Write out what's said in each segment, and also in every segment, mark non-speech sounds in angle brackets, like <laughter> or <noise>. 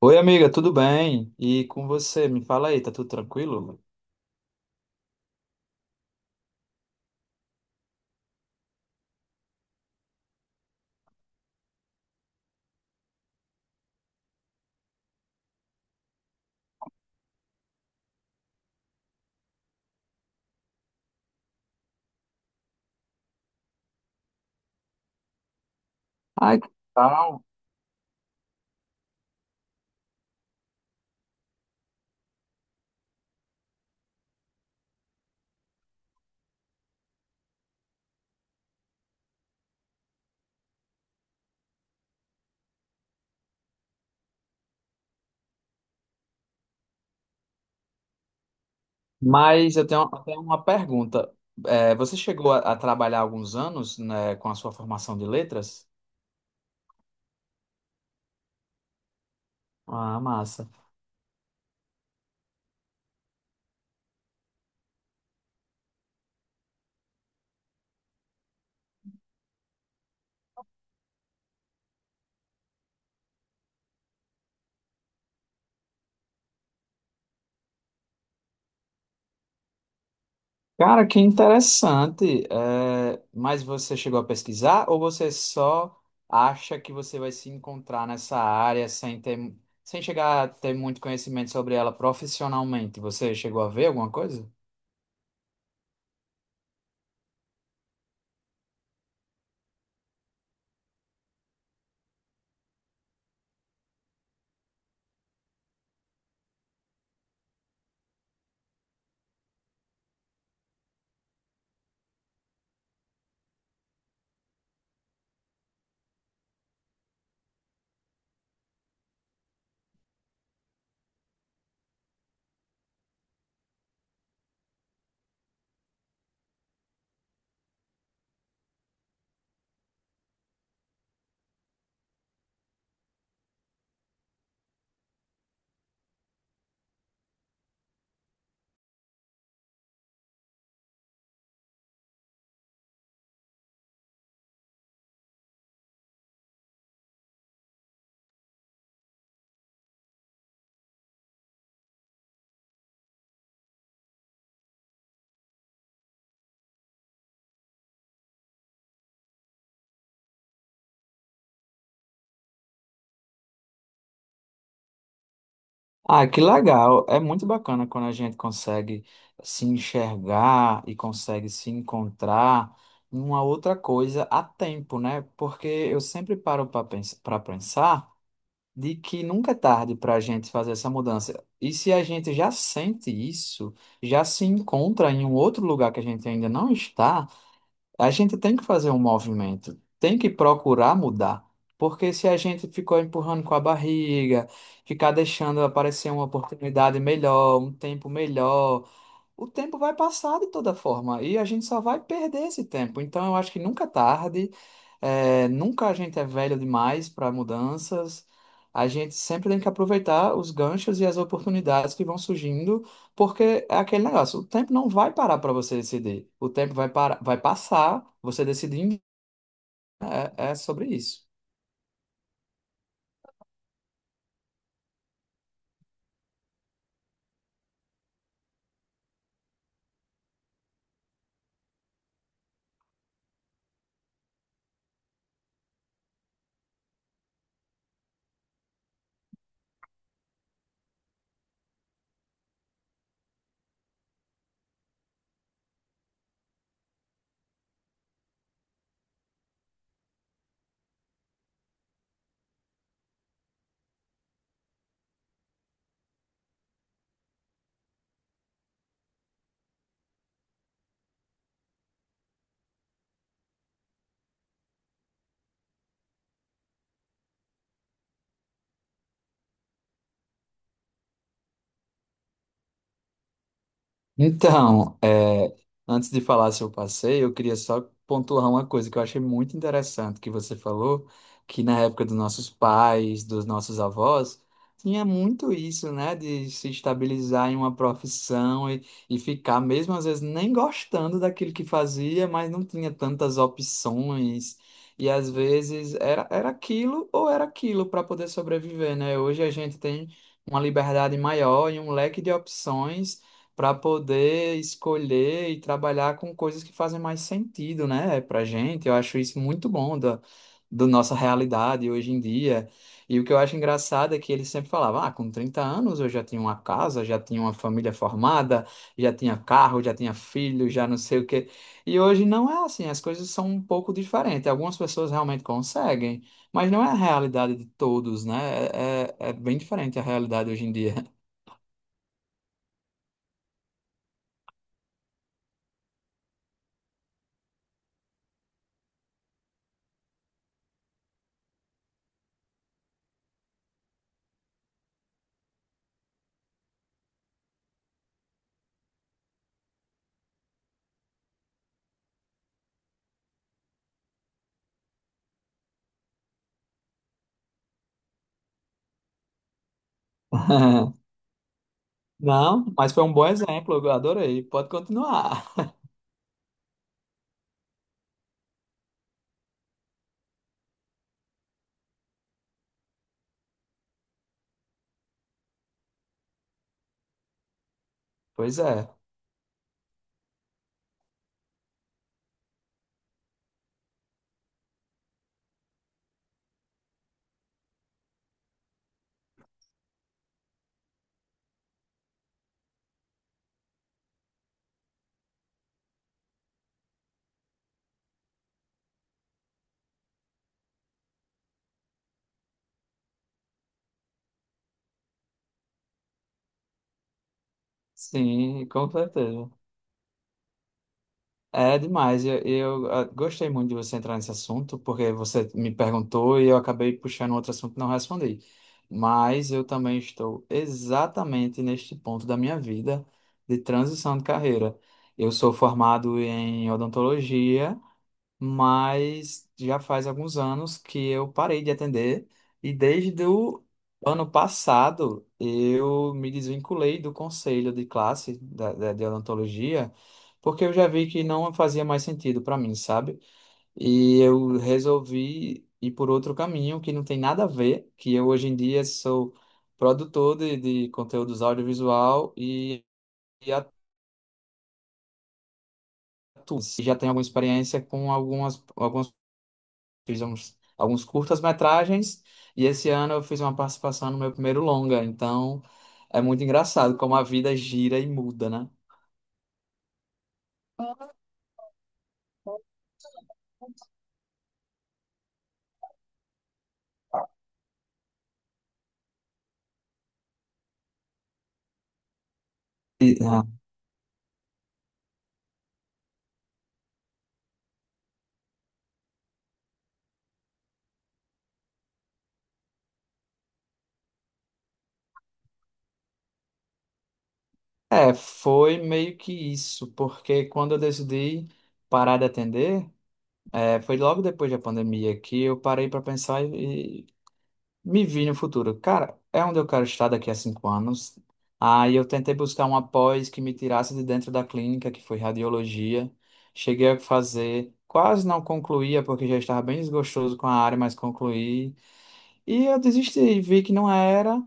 Oi, amiga, tudo bem? E com você? Me fala aí, tá tudo tranquilo? Ai, que tal? Mas eu tenho uma pergunta. É, você chegou a trabalhar alguns anos, né, com a sua formação de letras? Ah, massa. Cara, que interessante. É, mas você chegou a pesquisar ou você só acha que você vai se encontrar nessa área sem ter, sem chegar a ter muito conhecimento sobre ela profissionalmente? Você chegou a ver alguma coisa? Ah, que legal! É muito bacana quando a gente consegue se enxergar e consegue se encontrar em uma outra coisa a tempo, né? Porque eu sempre paro para pensar de que nunca é tarde para a gente fazer essa mudança. E se a gente já sente isso, já se encontra em um outro lugar que a gente ainda não está. A gente tem que fazer um movimento, tem que procurar mudar, porque se a gente ficou empurrando com a barriga, ficar deixando aparecer uma oportunidade melhor, um tempo melhor, o tempo vai passar de toda forma e a gente só vai perder esse tempo. Então, eu acho que nunca é tarde, é, nunca a gente é velho demais para mudanças. A gente sempre tem que aproveitar os ganchos e as oportunidades que vão surgindo, porque é aquele negócio: o tempo não vai parar para você decidir. O tempo vai, parar, vai passar, você decidindo é sobre isso. Então, é, antes de falar seu passeio, eu queria só pontuar uma coisa que eu achei muito interessante que você falou, que na época dos nossos pais, dos nossos avós, tinha muito isso, né, de se estabilizar em uma profissão e ficar, mesmo às vezes, nem gostando daquilo que fazia, mas não tinha tantas opções. E às vezes era, era aquilo ou era aquilo para poder sobreviver, né? Hoje a gente tem uma liberdade maior e um leque de opções para poder escolher e trabalhar com coisas que fazem mais sentido, né, para gente. Eu acho isso muito bom da nossa realidade hoje em dia. E o que eu acho engraçado é que ele sempre falava: ah, com 30 anos eu já tinha uma casa, já tinha uma família formada, já tinha carro, já tinha filho, já não sei o quê. E hoje não é assim, as coisas são um pouco diferentes. Algumas pessoas realmente conseguem, mas não é a realidade de todos, né? É, é bem diferente a realidade hoje em dia. <laughs> Não, mas foi um bom exemplo, eu adorei. Pode continuar. <laughs> Pois é, sim, com certeza. É demais. Gostei muito de você entrar nesse assunto, porque você me perguntou e eu acabei puxando um outro assunto e não respondi. Mas eu também estou exatamente neste ponto da minha vida de transição de carreira. Eu sou formado em odontologia, mas já faz alguns anos que eu parei de atender e desde o ano passado eu me desvinculei do conselho de classe de odontologia, porque eu já vi que não fazia mais sentido para mim, sabe? E eu resolvi ir por outro caminho que não tem nada a ver, que eu hoje em dia sou produtor de conteúdos audiovisual e atuo. E já tenho alguma experiência com algumas. Alguns curtas-metragens e esse ano eu fiz uma participação no meu primeiro longa. Então é muito engraçado como a vida gira e muda, né? E, é, foi meio que isso, porque quando eu decidi parar de atender, foi logo depois da pandemia que eu parei para pensar e me vi no futuro. Cara, é onde eu quero estar daqui a 5 anos. Aí eu tentei buscar uma pós que me tirasse de dentro da clínica, que foi radiologia. Cheguei a fazer, quase não concluía, porque já estava bem desgostoso com a área, mas concluí. E eu desisti, vi que não era.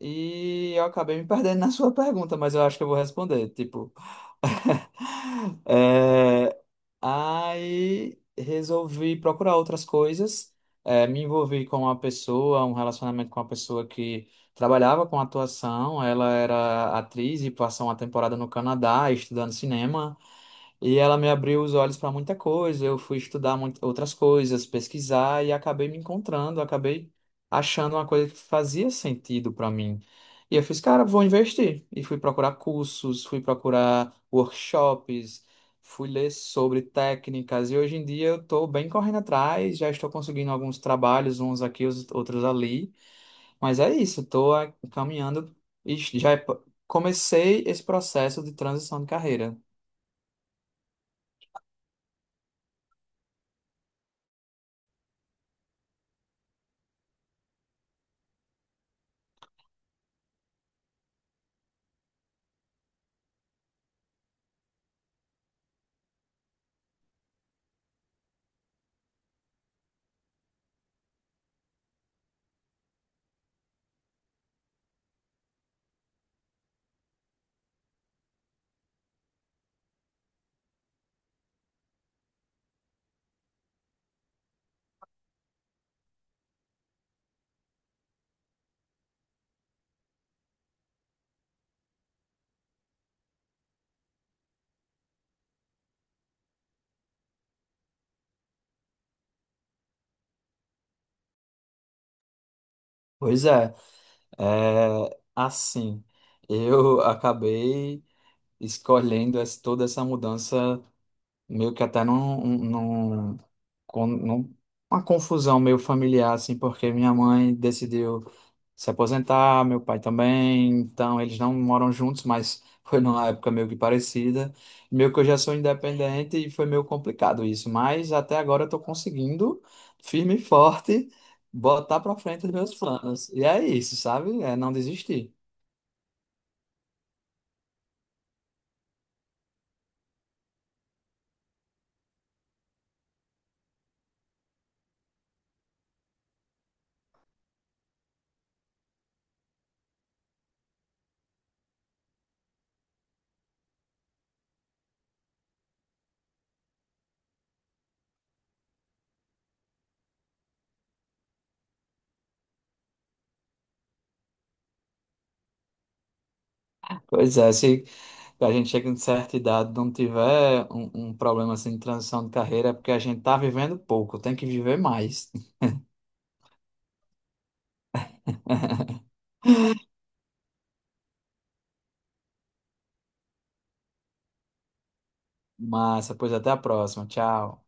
E eu acabei me <laughs> perdendo na sua pergunta, mas eu acho que eu vou responder. Tipo, <laughs> é, aí resolvi procurar outras coisas. Me envolvi com uma pessoa, um relacionamento com uma pessoa que trabalhava com atuação. Ela era atriz e passou uma temporada no Canadá estudando cinema. E ela me abriu os olhos para muita coisa. Eu fui estudar muito, outras coisas, pesquisar e acabei me encontrando, acabei achando uma coisa que fazia sentido para mim. E eu fiz, cara, vou investir. E fui procurar cursos, fui procurar workshops, fui ler sobre técnicas. E hoje em dia eu estou bem correndo atrás, já estou conseguindo alguns trabalhos, uns aqui, os outros ali. Mas é isso, estou caminhando e já comecei esse processo de transição de carreira. Pois é. É, assim, eu <laughs> acabei escolhendo toda essa mudança meio que até num, um, num, com- num- uma confusão meio familiar, assim, porque minha mãe decidiu se aposentar, meu pai também, então eles não moram juntos, mas <laughs> foi numa época meio que parecida. Meio que eu já sou independente e foi meio complicado isso, mas até agora eu tô conseguindo, firme e forte, botar pra frente os meus planos. E é isso, sabe? É não desistir. Pois é, se a gente chega em certa idade, não tiver um problema assim de transição de carreira, é porque a gente tá vivendo pouco, tem que viver mais. Massa, pois até a próxima. Tchau.